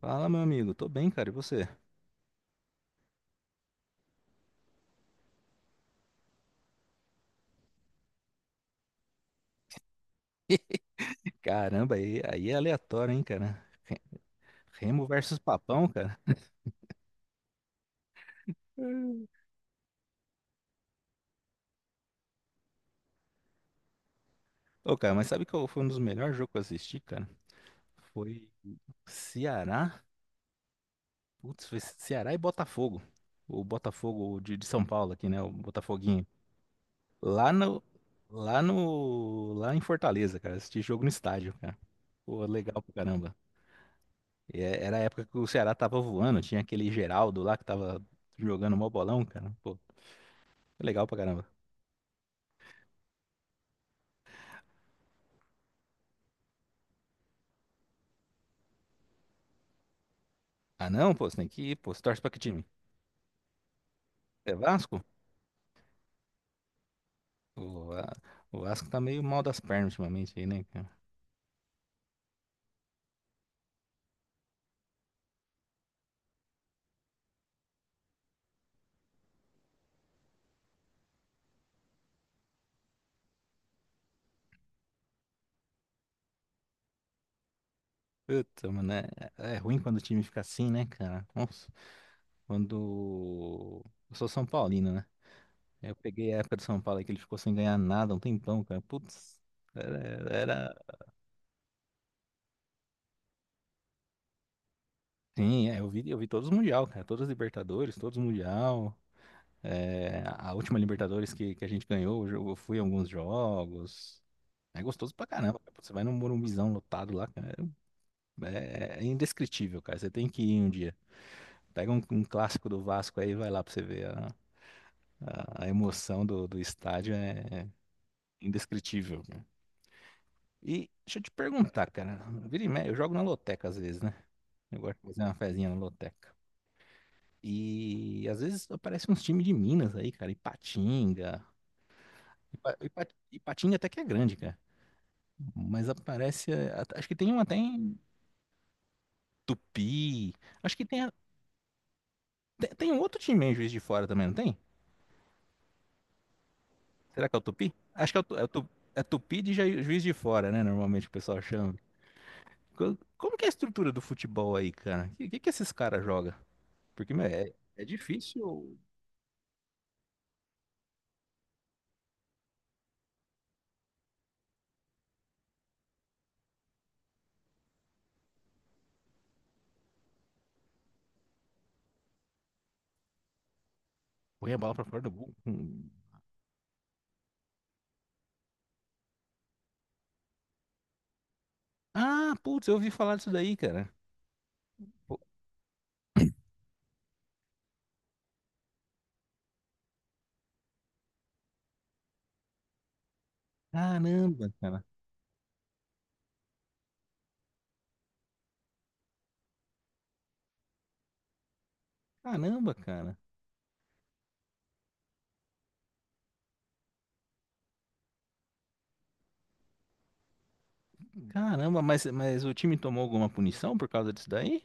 Fala, meu amigo. Tô bem, cara. E você? Caramba, aí é aleatório, hein, cara? Remo versus Papão, cara. Ô, cara, mas sabe qual foi um dos melhores jogos que eu assisti, cara? Foi Ceará. Putz, foi Ceará e Botafogo. O Botafogo de São Paulo aqui, né? O Botafoguinho. Lá no. Lá no. Lá em Fortaleza, cara. Assisti jogo no estádio, cara. Pô, legal pra caramba. E era a época que o Ceará tava voando. Tinha aquele Geraldo lá que tava jogando mó bolão, cara. Pô, legal pra caramba. Ah, não, pô, você tem que ir, pô. Você torce pra que time? É Vasco? O, a- o Vasco tá meio mal das pernas ultimamente aí, né, cara? Puta, mano, é ruim quando o time fica assim, né, cara? Nossa, quando. Eu sou São Paulino, né? Eu peguei a época do São Paulo aí que ele ficou sem ganhar nada um tempão, cara. Putz, era, era... Sim, é, eu vi todos os Mundial, cara. Todos os Libertadores, todos os Mundial. É, a última Libertadores que a gente ganhou, eu fui em alguns jogos. É gostoso pra caramba, cara. Você vai num Morumbizão lotado lá, cara. É indescritível, cara. Você tem que ir um dia. Pega um clássico do Vasco aí e vai lá pra você ver. A emoção do estádio é indescritível, cara. E deixa eu te perguntar, cara. Vira e mexe, eu jogo na loteca às vezes, né? Eu gosto de fazer uma fezinha na loteca. E às vezes aparecem uns times de Minas aí, cara. Ipatinga. Ipatinga até que é grande, cara. Mas aparece. Acho que tem um até em Tupi. Acho que tem um outro time em Juiz de Fora também, não tem? Será que é o Tupi? Acho que é Tupi de Juiz de Fora, né? Normalmente o pessoal chama. Como que é a estrutura do futebol aí, cara? O que que esses caras jogam? Porque meu, é difícil correr a bola pra fora do gol. Hum. Ah, putz, eu ouvi falar disso daí, cara. Pô, caramba, cara. Caramba, cara. Caramba, mas o time tomou alguma punição por causa disso daí?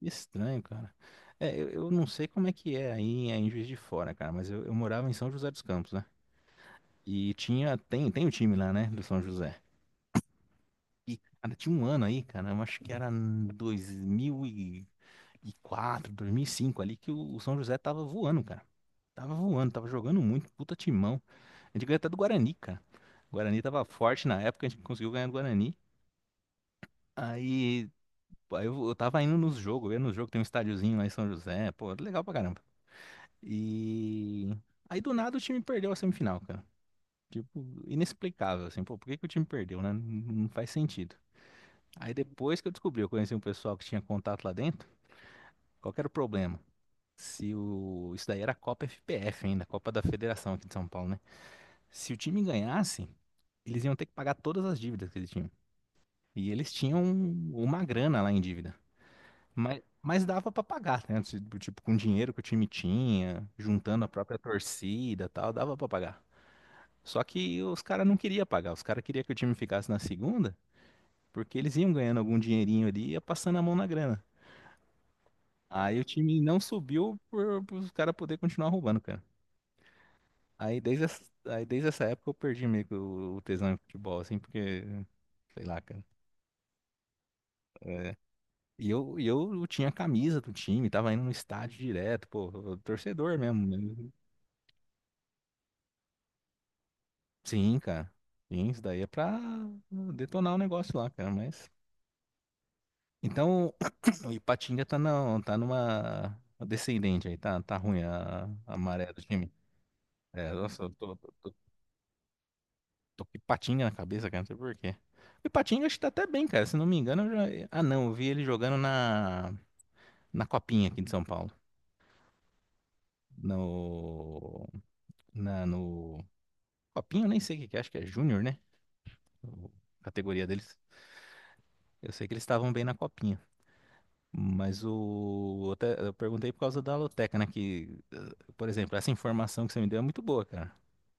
Estranho, cara. É, eu não sei como é que é aí em Juiz de Fora, cara, mas eu morava em São José dos Campos, né? E tem o time lá, né, do São José. E, cara, tinha um ano aí, cara, eu acho que era dois mil e quatro, 2005 ali, que o São José tava voando, cara. Tava voando, tava jogando muito, puta timão. A gente ganhou até do Guarani, cara. O Guarani tava forte na época, a gente conseguiu ganhar do Guarani. Aí, pô, eu tava indo nos jogos, eu ia nos jogos, tem um estádiozinho lá em São José, pô, legal pra caramba. E aí do nada o time perdeu a semifinal, cara. Tipo, inexplicável, assim, pô, por que que o time perdeu, né? Não faz sentido. Aí depois que eu descobri, eu conheci um pessoal que tinha contato lá dentro, qual que era o problema? Se o... Isso daí era a Copa FPF ainda, a Copa da Federação aqui de São Paulo, né? Se o time ganhasse, eles iam ter que pagar todas as dívidas que eles tinham. E eles tinham uma grana lá em dívida. Mas dava pra pagar, né? Tipo, com o dinheiro que o time tinha, juntando a própria torcida e tal, dava pra pagar. Só que os caras não queriam pagar, os caras queriam que o time ficasse na segunda porque eles iam ganhando algum dinheirinho ali e ia passando a mão na grana. Aí o time não subiu por os caras poder continuar roubando, cara. Aí desde essa época eu perdi meio que o tesão em futebol, assim, porque, sei lá, cara. É. E eu tinha a camisa do time, tava indo no estádio direto, pô, torcedor mesmo, né? Sim, cara. Sim, isso daí é pra detonar o negócio lá, cara, mas... Então, o Ipatinga tá, não, tá numa descendente aí, tá ruim a maré do time. É, nossa, eu tô com patinha na cabeça, cara, não sei por quê. O Patinho acho que tá até bem, cara, se não me engano. Ah, não, eu vi ele jogando na Copinha aqui de São Paulo. No. Na, no. Copinha, eu nem sei o que que é, acho que é Júnior, né? O- a categoria deles. Eu sei que eles estavam bem na Copinha. Mas o. Eu perguntei por causa da Loteca, né? Que, por exemplo, essa informação que você me deu é muito boa, cara.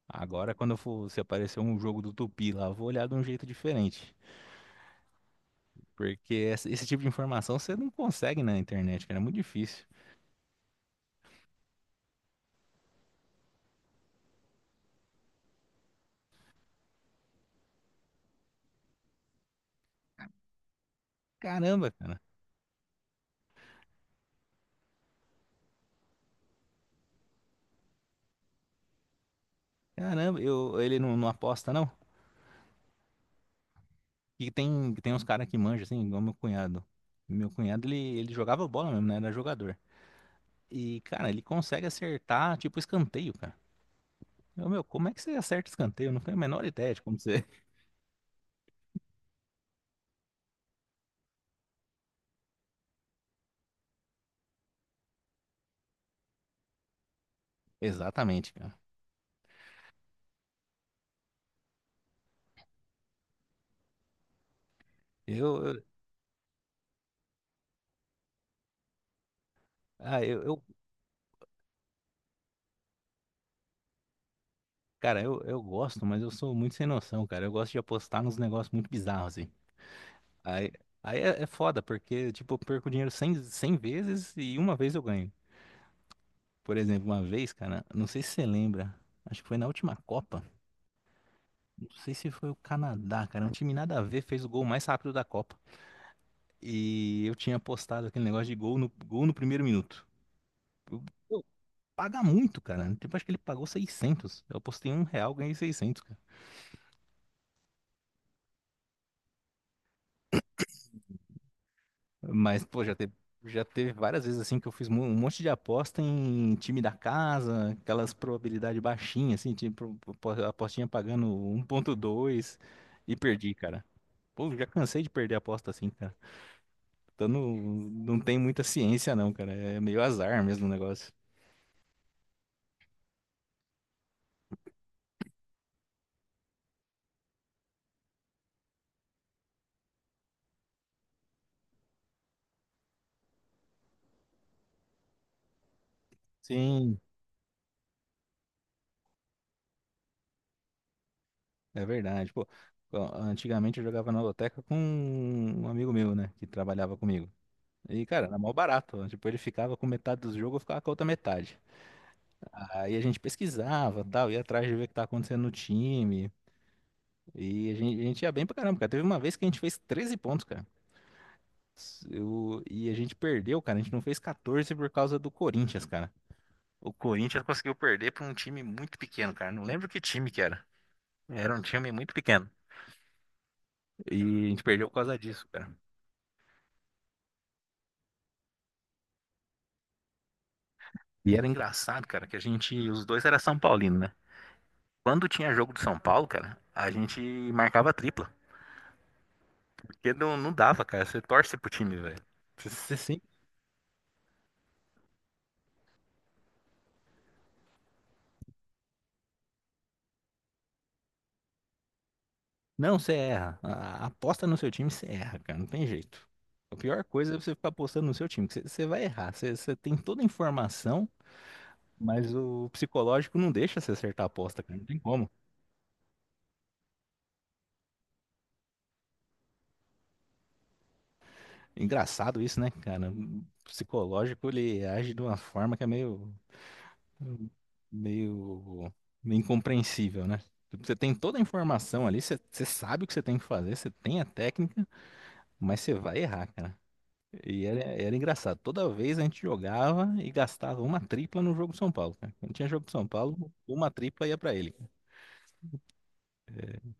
Agora, quando eu for, se aparecer um jogo do Tupi lá, eu vou olhar de um jeito diferente. Porque esse tipo de informação você não consegue na internet, cara. É muito difícil. Caramba, cara. Caramba, ele não, não aposta, não? E tem uns caras que manjam, assim, igual meu cunhado. Meu cunhado, ele jogava bola mesmo, né? Era jogador. E, cara, ele consegue acertar, tipo, escanteio, cara. Meu, como é que você acerta escanteio? Eu não tenho a menor ideia de como você... Exatamente, cara. Eu, ah, eu- cara, eu gosto, mas eu sou muito sem noção, cara. Eu gosto de apostar nos negócios muito bizarros, assim. Aí, aí, é foda, porque, tipo, eu perco dinheiro cem vezes e uma vez eu ganho. Por exemplo, uma vez, cara, não sei se você lembra, acho que foi na última Copa, não sei se foi o Canadá, cara, um time nada a ver, fez o gol mais rápido da Copa. E eu tinha apostado aquele negócio de gol no primeiro minuto. Eu, eu, paga muito, cara. Tipo, acho que ele pagou 600. Eu apostei R$ 1, ganhei 600. Mas, pô, já teve várias vezes assim que eu fiz um monte de aposta em time da casa, aquelas probabilidade baixinha, assim, tipo, apostinha pagando 1,2 e perdi, cara. Pô, já cansei de perder aposta assim, cara. Então não tem muita ciência, não, cara. É meio azar mesmo o negócio. Sim, é verdade. Pô, ó, antigamente eu jogava na loteca com um amigo meu, né, que trabalhava comigo. E, cara, era mó barato, ó. Tipo, ele ficava com metade dos jogos, eu ficava com a outra metade. Aí a gente pesquisava, tal, ia atrás de ver o que tá acontecendo no time. E a gente ia bem pra caramba, cara. Teve uma vez que a gente fez 13 pontos, cara. E a gente perdeu, cara. A gente não fez 14 por causa do Corinthians, cara. O Corinthians conseguiu perder pra um time muito pequeno, cara. Não lembro que time que era. Era um time muito pequeno. E a gente perdeu por causa disso, cara. E era engraçado, cara, que a gente, os dois era São Paulino, né? Quando tinha jogo do São Paulo, cara, a gente marcava tripla. Porque não dava, cara. Você torce pro time, velho. Você Não, você erra. Aposta no seu time, você erra, cara. Não tem jeito. A pior coisa é você ficar apostando no seu time, que você vai errar. Você tem toda a informação, mas o psicológico não deixa você acertar a aposta, cara. Não tem como. Engraçado isso, né, cara? O psicológico, ele age de uma forma que é meio, meio incompreensível, né? Tipo, você tem toda a informação ali, você sabe o que você tem que fazer, você tem a técnica, mas você vai errar, cara. E era engraçado. Toda vez a gente jogava e gastava uma tripla no jogo de São Paulo, cara. Quando tinha jogo de São Paulo, uma tripla ia pra ele. É,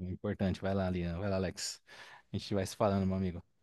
é importante. Vai lá, Lian. Vai lá, Alex. A gente vai se falando, meu amigo.